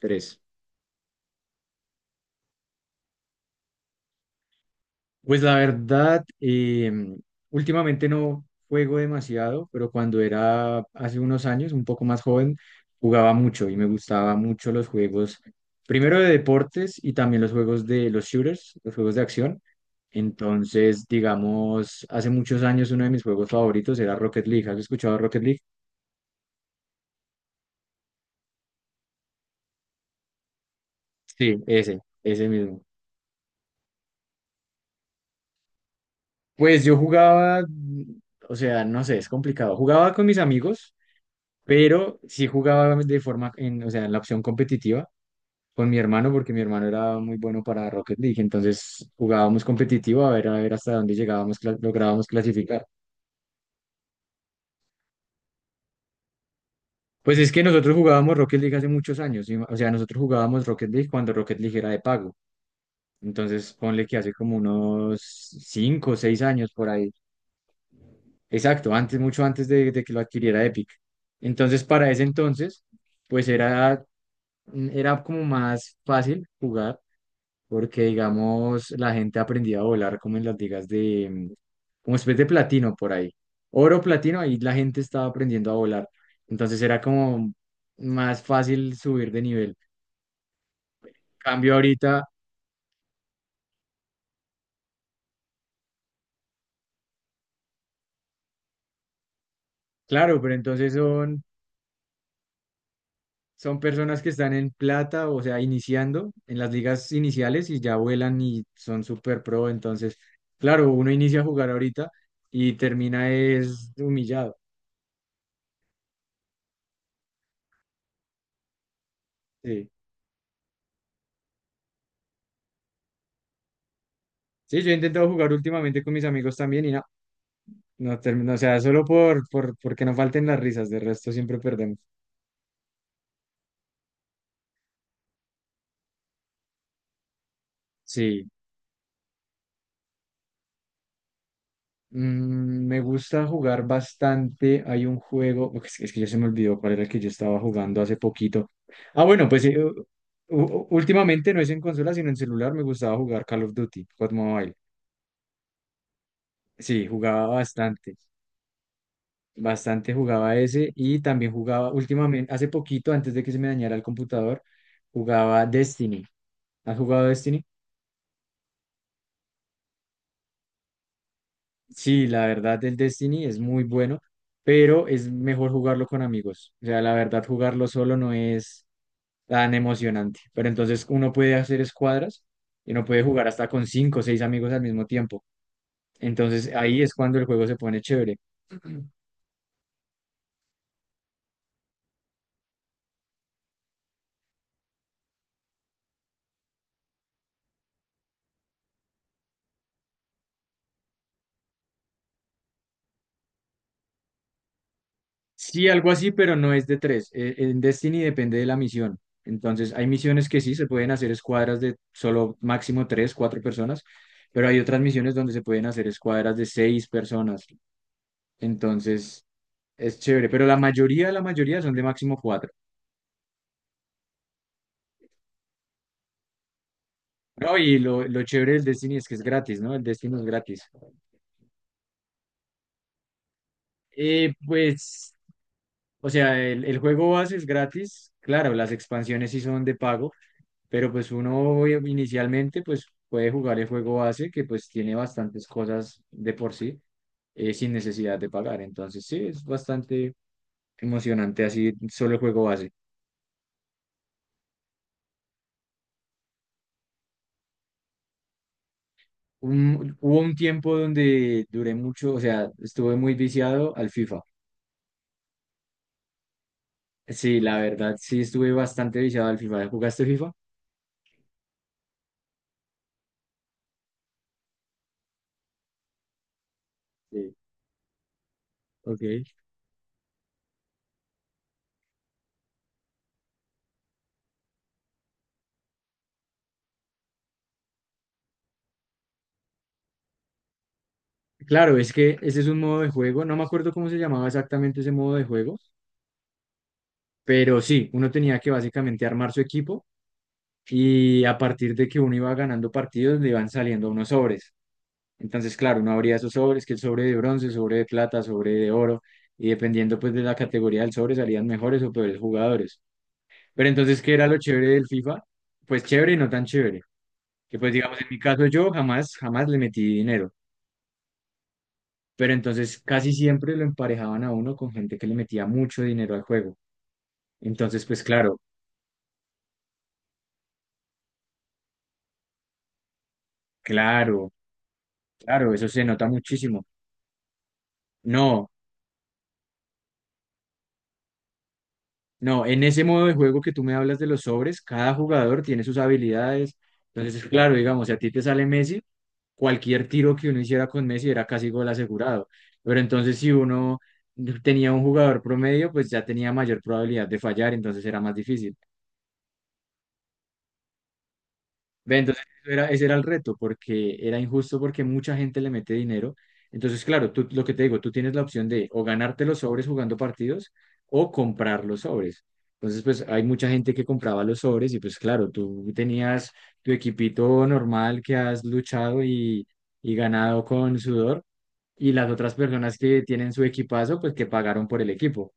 Tres. Pues la verdad, últimamente no juego demasiado, pero cuando era hace unos años, un poco más joven, jugaba mucho y me gustaba mucho los juegos, primero de deportes y también los juegos de los shooters, los juegos de acción. Entonces, digamos, hace muchos años uno de mis juegos favoritos era Rocket League. ¿Has escuchado Rocket League? Sí, ese mismo. Pues yo jugaba, o sea, no sé, es complicado. Jugaba con mis amigos, pero sí jugaba de forma, o sea, en la opción competitiva con mi hermano, porque mi hermano era muy bueno para Rocket League, entonces jugábamos competitivo a ver hasta dónde llegábamos, lográbamos clasificar. Pues es que nosotros jugábamos Rocket League hace muchos años, o sea, nosotros jugábamos Rocket League cuando Rocket League era de pago, entonces ponle que hace como unos 5 o 6 años por ahí, exacto, antes, mucho antes de que lo adquiriera Epic. Entonces, para ese entonces, pues era, era como más fácil jugar porque digamos la gente aprendía a volar como en las ligas de, como especie de platino por ahí, oro, platino, ahí la gente estaba aprendiendo a volar, entonces era como más fácil subir de nivel. Cambio ahorita, claro, pero entonces son, son personas que están en plata, o sea, iniciando en las ligas iniciales y ya vuelan y son super pro, entonces, claro, uno inicia a jugar ahorita y termina es humillado. Sí. Sí, yo he intentado jugar últimamente con mis amigos también y nada. No termino, o sea, solo porque no falten las risas, de resto siempre perdemos. Sí. Me gusta jugar bastante. Hay un juego, ok, que es que ya se me olvidó cuál era el que yo estaba jugando hace poquito. Ah, bueno, pues últimamente no es en consola, sino en celular. Me gustaba jugar Call of Duty, COD Mobile. Sí, jugaba bastante, bastante jugaba ese y también jugaba últimamente, hace poquito, antes de que se me dañara el computador, jugaba Destiny. ¿Has jugado Destiny? Sí, la verdad, el Destiny es muy bueno, pero es mejor jugarlo con amigos. O sea, la verdad, jugarlo solo no es tan emocionante. Pero entonces uno puede hacer escuadras y uno puede jugar hasta con cinco o seis amigos al mismo tiempo. Entonces ahí es cuando el juego se pone chévere. Sí, algo así, pero no es de tres. En Destiny depende de la misión. Entonces, hay misiones que sí se pueden hacer escuadras de solo máximo tres, cuatro personas, pero hay otras misiones donde se pueden hacer escuadras de seis personas. Entonces, Es chévere, pero la mayoría son de máximo cuatro. No, y lo chévere del Destiny es que es gratis, ¿no? El Destiny es gratis. Eh, pues, o sea, el juego base es gratis. Claro, las expansiones sí son de pago, pero pues uno inicialmente pues puede jugar el juego base que pues tiene bastantes cosas de por sí sin necesidad de pagar. Entonces sí, es bastante emocionante así solo el juego base. Hubo un tiempo donde duré mucho, o sea, estuve muy viciado al FIFA. Sí, la verdad, sí estuve bastante viciado al FIFA. ¿Jugaste FIFA? Sí. Ok. Claro, es que ese es un modo de juego. No me acuerdo cómo se llamaba exactamente ese modo de juego, pero sí, uno tenía que básicamente armar su equipo y a partir de que uno iba ganando partidos le iban saliendo unos sobres. Entonces, claro, uno abría esos sobres, que el sobre de bronce, sobre de plata, sobre de oro, y dependiendo pues de la categoría del sobre salían mejores o peores jugadores. Pero entonces, ¿qué era lo chévere del FIFA? Pues chévere y no tan chévere, que pues digamos, en mi caso yo jamás, jamás le metí dinero, pero entonces casi siempre lo emparejaban a uno con gente que le metía mucho dinero al juego. Entonces, pues claro, claro, claro, eso se nota muchísimo. No, no, en ese modo de juego que tú me hablas de los sobres, cada jugador tiene sus habilidades. Entonces, claro, digamos, si a ti te sale Messi, cualquier tiro que uno hiciera con Messi era casi gol asegurado. Pero entonces si uno tenía un jugador promedio, pues ya tenía mayor probabilidad de fallar, entonces era más difícil. Ve, entonces eso era, ese era el reto, porque era injusto porque mucha gente le mete dinero. Entonces, claro, tú, lo que te digo, tú tienes la opción de o ganarte los sobres jugando partidos o comprar los sobres. Entonces, pues hay mucha gente que compraba los sobres y pues claro, tú tenías tu equipito normal que has luchado y ganado con sudor y las otras personas que tienen su equipazo, pues que pagaron por el equipo.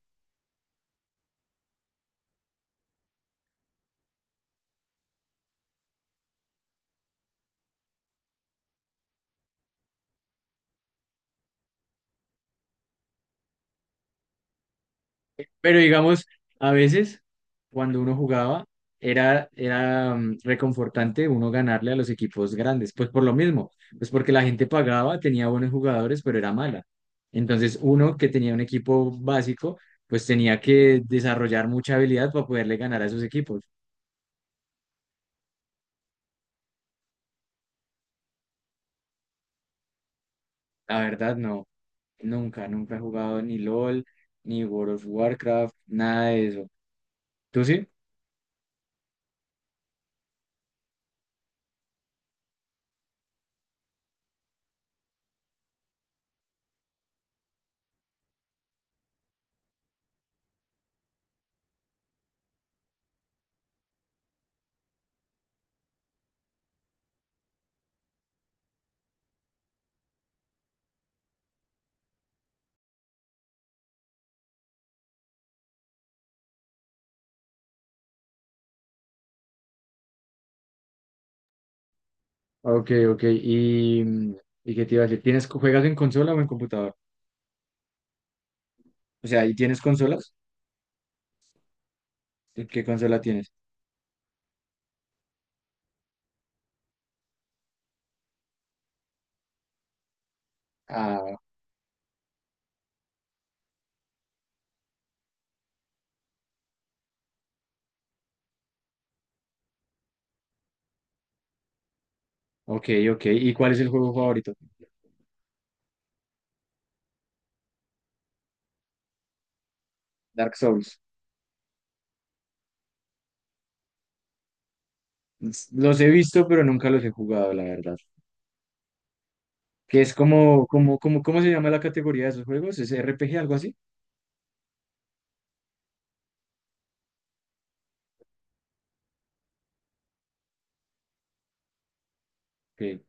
Pero digamos, a veces cuando uno jugaba era reconfortante uno ganarle a los equipos grandes, pues por lo mismo, pues porque la gente pagaba, tenía buenos jugadores, pero era mala. Entonces uno que tenía un equipo básico, pues tenía que desarrollar mucha habilidad para poderle ganar a esos equipos. La verdad, no, nunca, nunca he jugado ni LOL, ni World of Warcraft, nada de eso. ¿Tú sí? Ok, ok. ¿ Y qué te iba a decir? ¿Tienes, juegas en consola o en computador? O sea, ¿y tienes consolas? ¿Qué consola tienes? Ah, ok, ok. ¿Y cuál es el juego favorito? Dark Souls. Los he visto, pero nunca los he jugado, la verdad. Que es como, ¿cómo se llama la categoría de esos juegos? ¿Es RPG, algo así? Ok,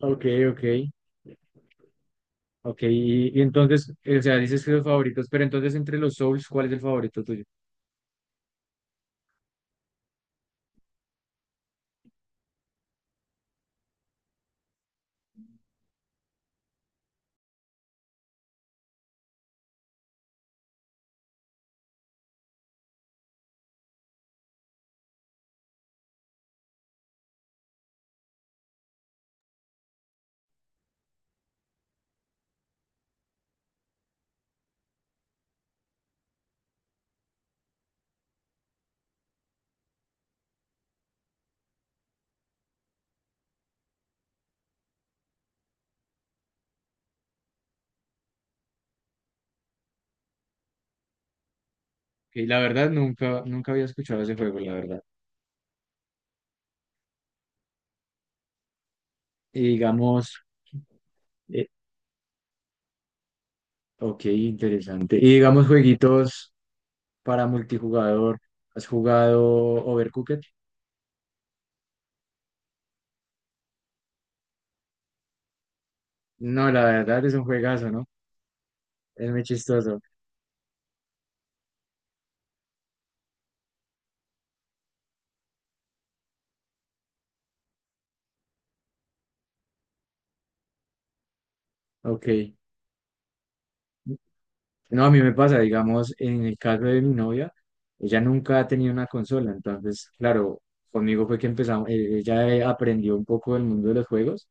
ok, ok. Ok, y entonces, o sea, dices que los favoritos, pero entonces entre los Souls, ¿cuál es el favorito tuyo? Ok, la verdad, nunca, nunca había escuchado ese juego, la verdad. Y digamos, eh, ok, interesante. Y digamos, jueguitos para multijugador. ¿Has jugado Overcooked? No, la verdad es un juegazo, ¿no? Es muy chistoso. Ok. No, a mí me pasa, digamos, en el caso de mi novia, ella nunca ha tenido una consola, entonces, claro, conmigo fue que empezamos, ella aprendió un poco del mundo de los juegos,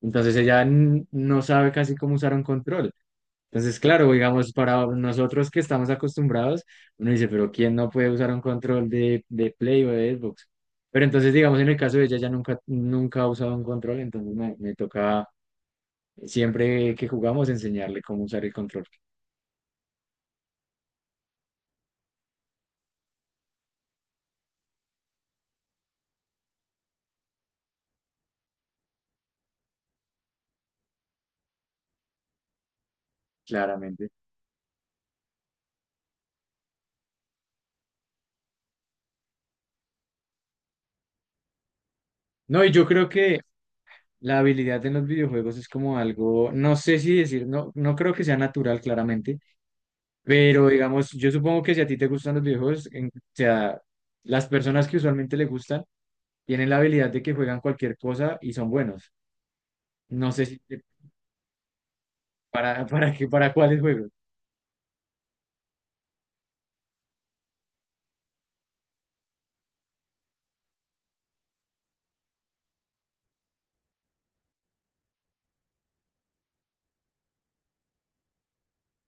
entonces ella no sabe casi cómo usar un control. Entonces, claro, digamos, para nosotros que estamos acostumbrados, uno dice, pero ¿quién no puede usar un control de Play o de Xbox? Pero entonces, digamos, en el caso de ella, ya nunca, nunca ha usado un control, entonces me toca siempre que jugamos enseñarle cómo usar el control, claramente. No, y yo creo que la habilidad en los videojuegos es como algo, no sé si decir, no, no creo que sea natural, claramente, pero digamos, yo supongo que si a ti te gustan los videojuegos, o sea, las personas que usualmente le gustan, tienen la habilidad de que juegan cualquier cosa y son buenos. No sé si para qué, para cuáles juegos.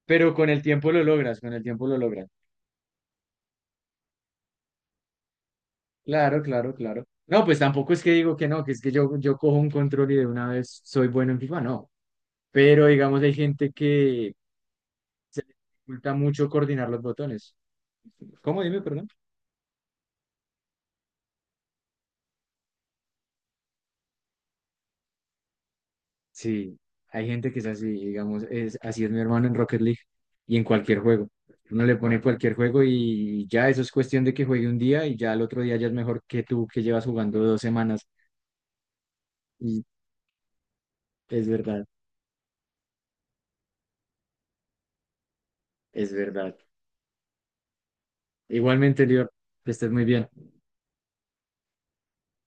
Pero con el tiempo lo logras, con el tiempo lo logras. Claro, claro, claro. No, pues tampoco es que digo que no, que es que yo cojo un control y de una vez soy bueno en FIFA, no. Pero digamos, hay gente que se le dificulta mucho coordinar los botones. ¿Cómo? Dime, perdón. Sí, hay gente que es así, digamos, es, así es mi hermano en Rocket League y en cualquier juego. Uno le pone cualquier juego y ya eso es cuestión de que juegue un día y ya al otro día ya es mejor que tú que llevas jugando dos semanas. Y es verdad, es verdad. Igualmente, Lior, que estés muy bien.